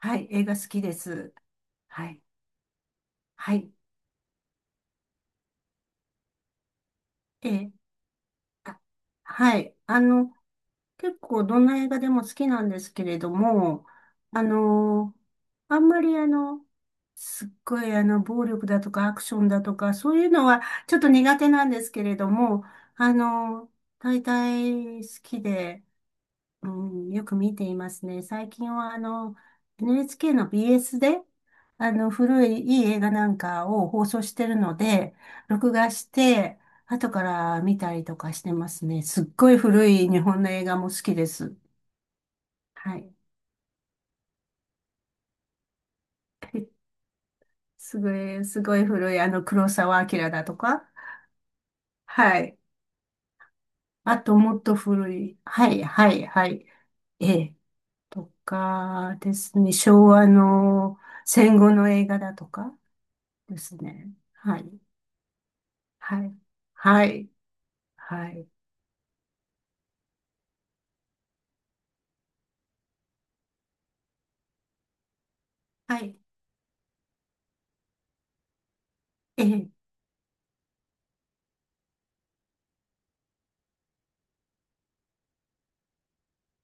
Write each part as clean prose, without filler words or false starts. はい、映画好きです。はい、はい、えー、あ、はい、結構どんな映画でも好きなんですけれども、あのーあんまりすっごい暴力だとかアクションだとか、そういうのはちょっと苦手なんですけれども、大体好きで、うん、よく見ていますね。最近はNHK の BS で、古いいい映画なんかを放送してるので、録画して、後から見たりとかしてますね。すっごい古い日本の映画も好きです。はい。すごい、すごい古い、黒澤明だとか。はい。あと、もっと古い。はい、はい、はい。ええ。とかですね。昭和の戦後の映画だとかですね。はい。はい。はい。はい。はい。ええ。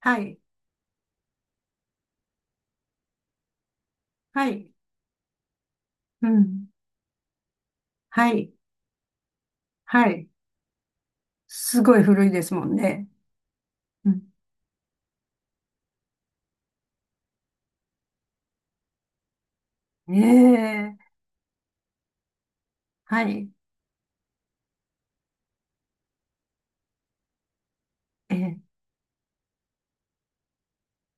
はい。はい。うん。はい。はい。すごい古いですもんね。うん。ええ。はい。ええ。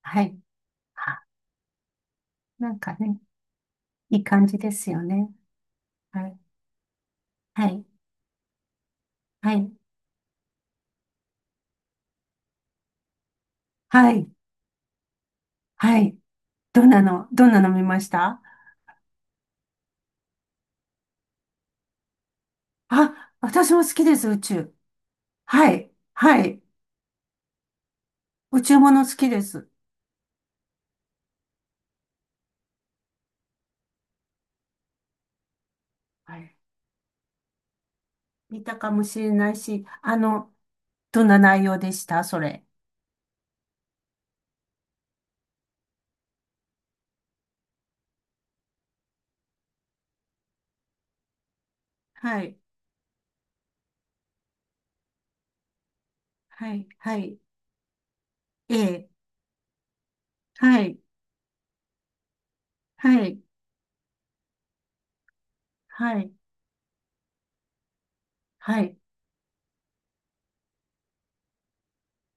はい。あ、なんかね、いい感じですよね。はい。はい。はい。はい。はい。どんなの、どんなの見ました？あ、私も好きです、宇宙。はい。はい。宇宙もの好きです。はい。見たかもしれないし、どんな内容でしたそれ？はい。はい、はい、ええ、はい、はい、はい、はい、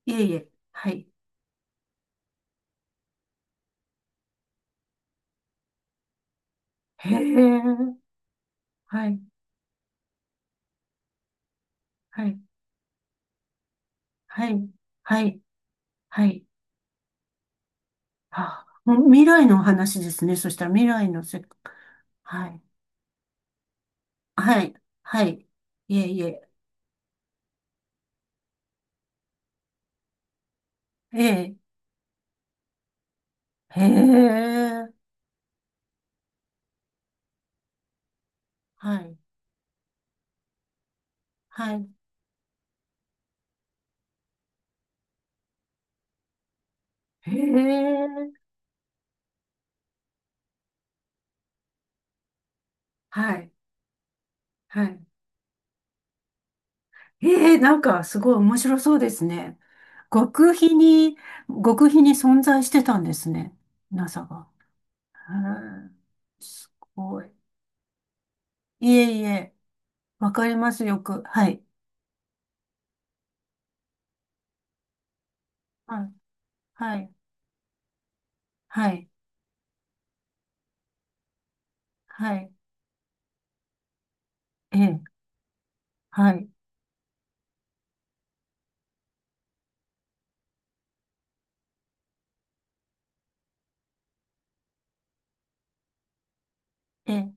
いえいえ、はい、へえ、はい、はい、はい、はい、はい、あ、もう未来のお話ですね。そしたら未来のせ、はい、はい、はい、いえいえ、ええ、へえ、はい、はい、へえ、はい、はい。ええ、なんかすごい面白そうですね。極秘に、極秘に存在してたんですね。NASA が。へえ、すごい。いえいえ、わかります、よく。はい。はい。はい。はい。はい。ええ、はい。ええ、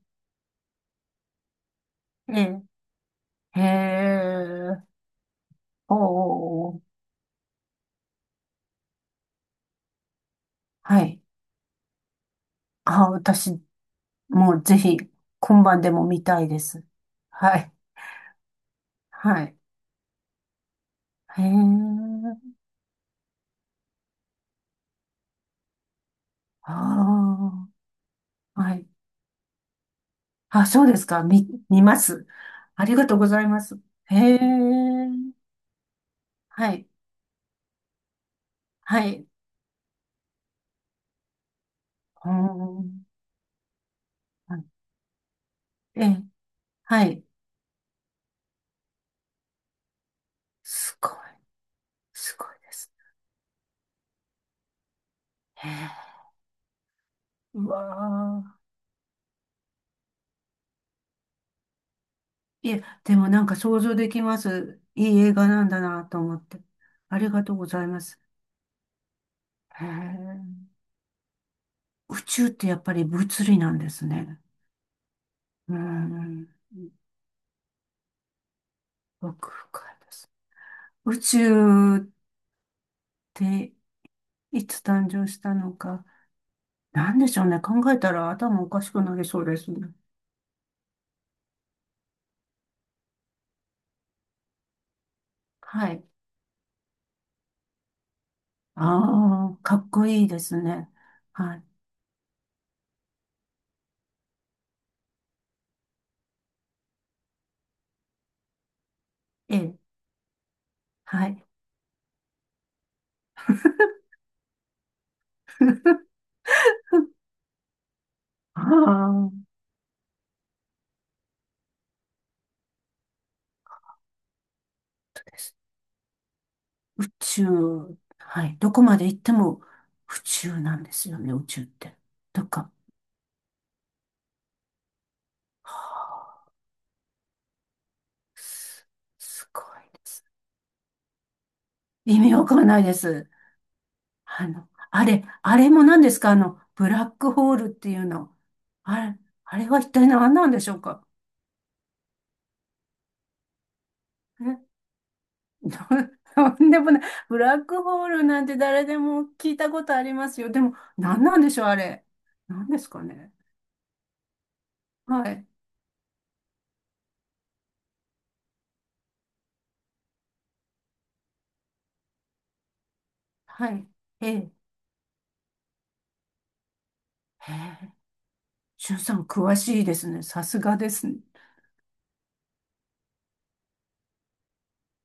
ええ、へえ。おーおー。おー、はい。あ、私、もうぜひ、今晩でも見たいです。はい。はい。へえ。ああ。はい。あ、そうですか。見ます。ありがとうございます。へえ。はい。はい。うーん。はい、ええ。はい。すごい。すごいです。へえ。うわあ。いえ、でもなんか想像できます。いい映画なんだなと思って。ありがとうございます。へえ。宇宙ってやっぱり物理なんですね。うーん。奥深いです。宇宙っていつ誕生したのか。なんでしょうね。考えたら頭おかしくなりそうですね。はい。ああ、かっこいいですね。はい。ええ、はい。ああ、です宇宙。はい。どこまで行っても宇宙なんですよね、宇宙って。とか。はあ、す、すごいです。意味わかんないです。あれも何ですか、ブラックホールっていうの？あれ、あれは一体何なんでしょうか？え。 とんでもない。ブラックホールなんて誰でも聞いたことありますよ。でも、何なんでしょう、あれ。何ですかね。はい。はい。ええ。へえ。しゅんさん、詳しいですね。さすがですね。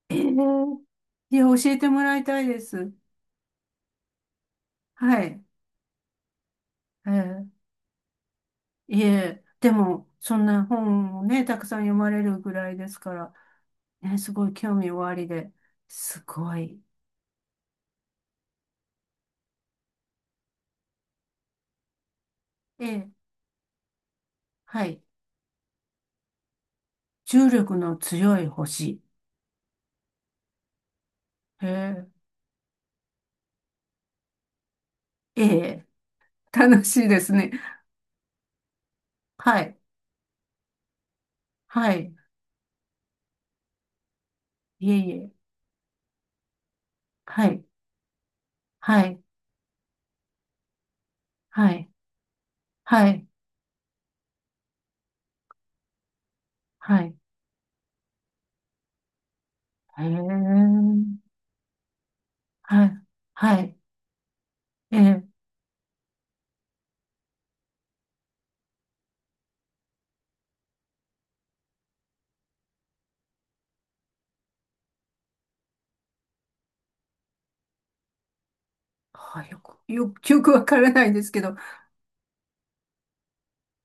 ええ。いや、教えてもらいたいです。はい。ええ。いえ、でも、そんな本をね、たくさん読まれるぐらいですから、ね、すごい興味おありで、すごい。ええ。はい。重力の強い星。へえ。ええ。楽しいですね。はい。はい。いえいえ。はい。はい。はい。はい。はい。へえ。はい。はい。ええ。はい。よく、よく、よくわからないですけど。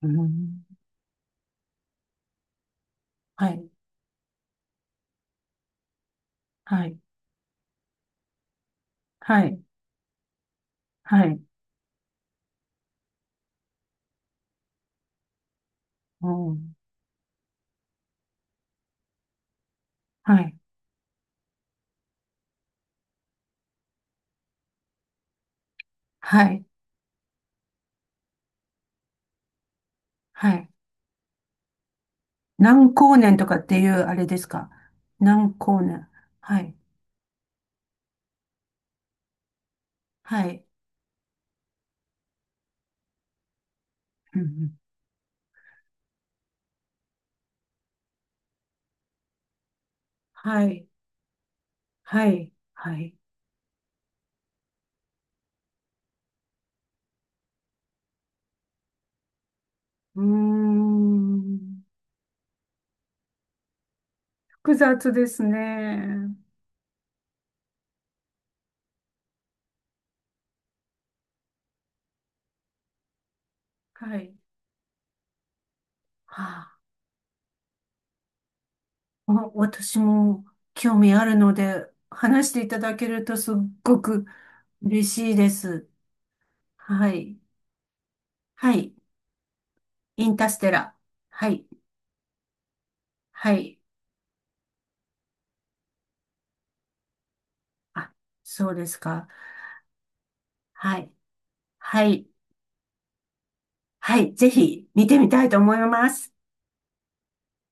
うん。はい。はい。はい。はい。うん。はい。はい。はい。何光年とかっていうあれですか？何光年。はい。はい。うんうん。はい。はい。はい。うーん。複雑ですね。はい。はあ、私も興味あるので、話していただけるとすっごく嬉しいです。はい。はい。インターステラ。はい。はい。あ、そうですか。はい。はい。はい。ぜひ見てみたいと思います。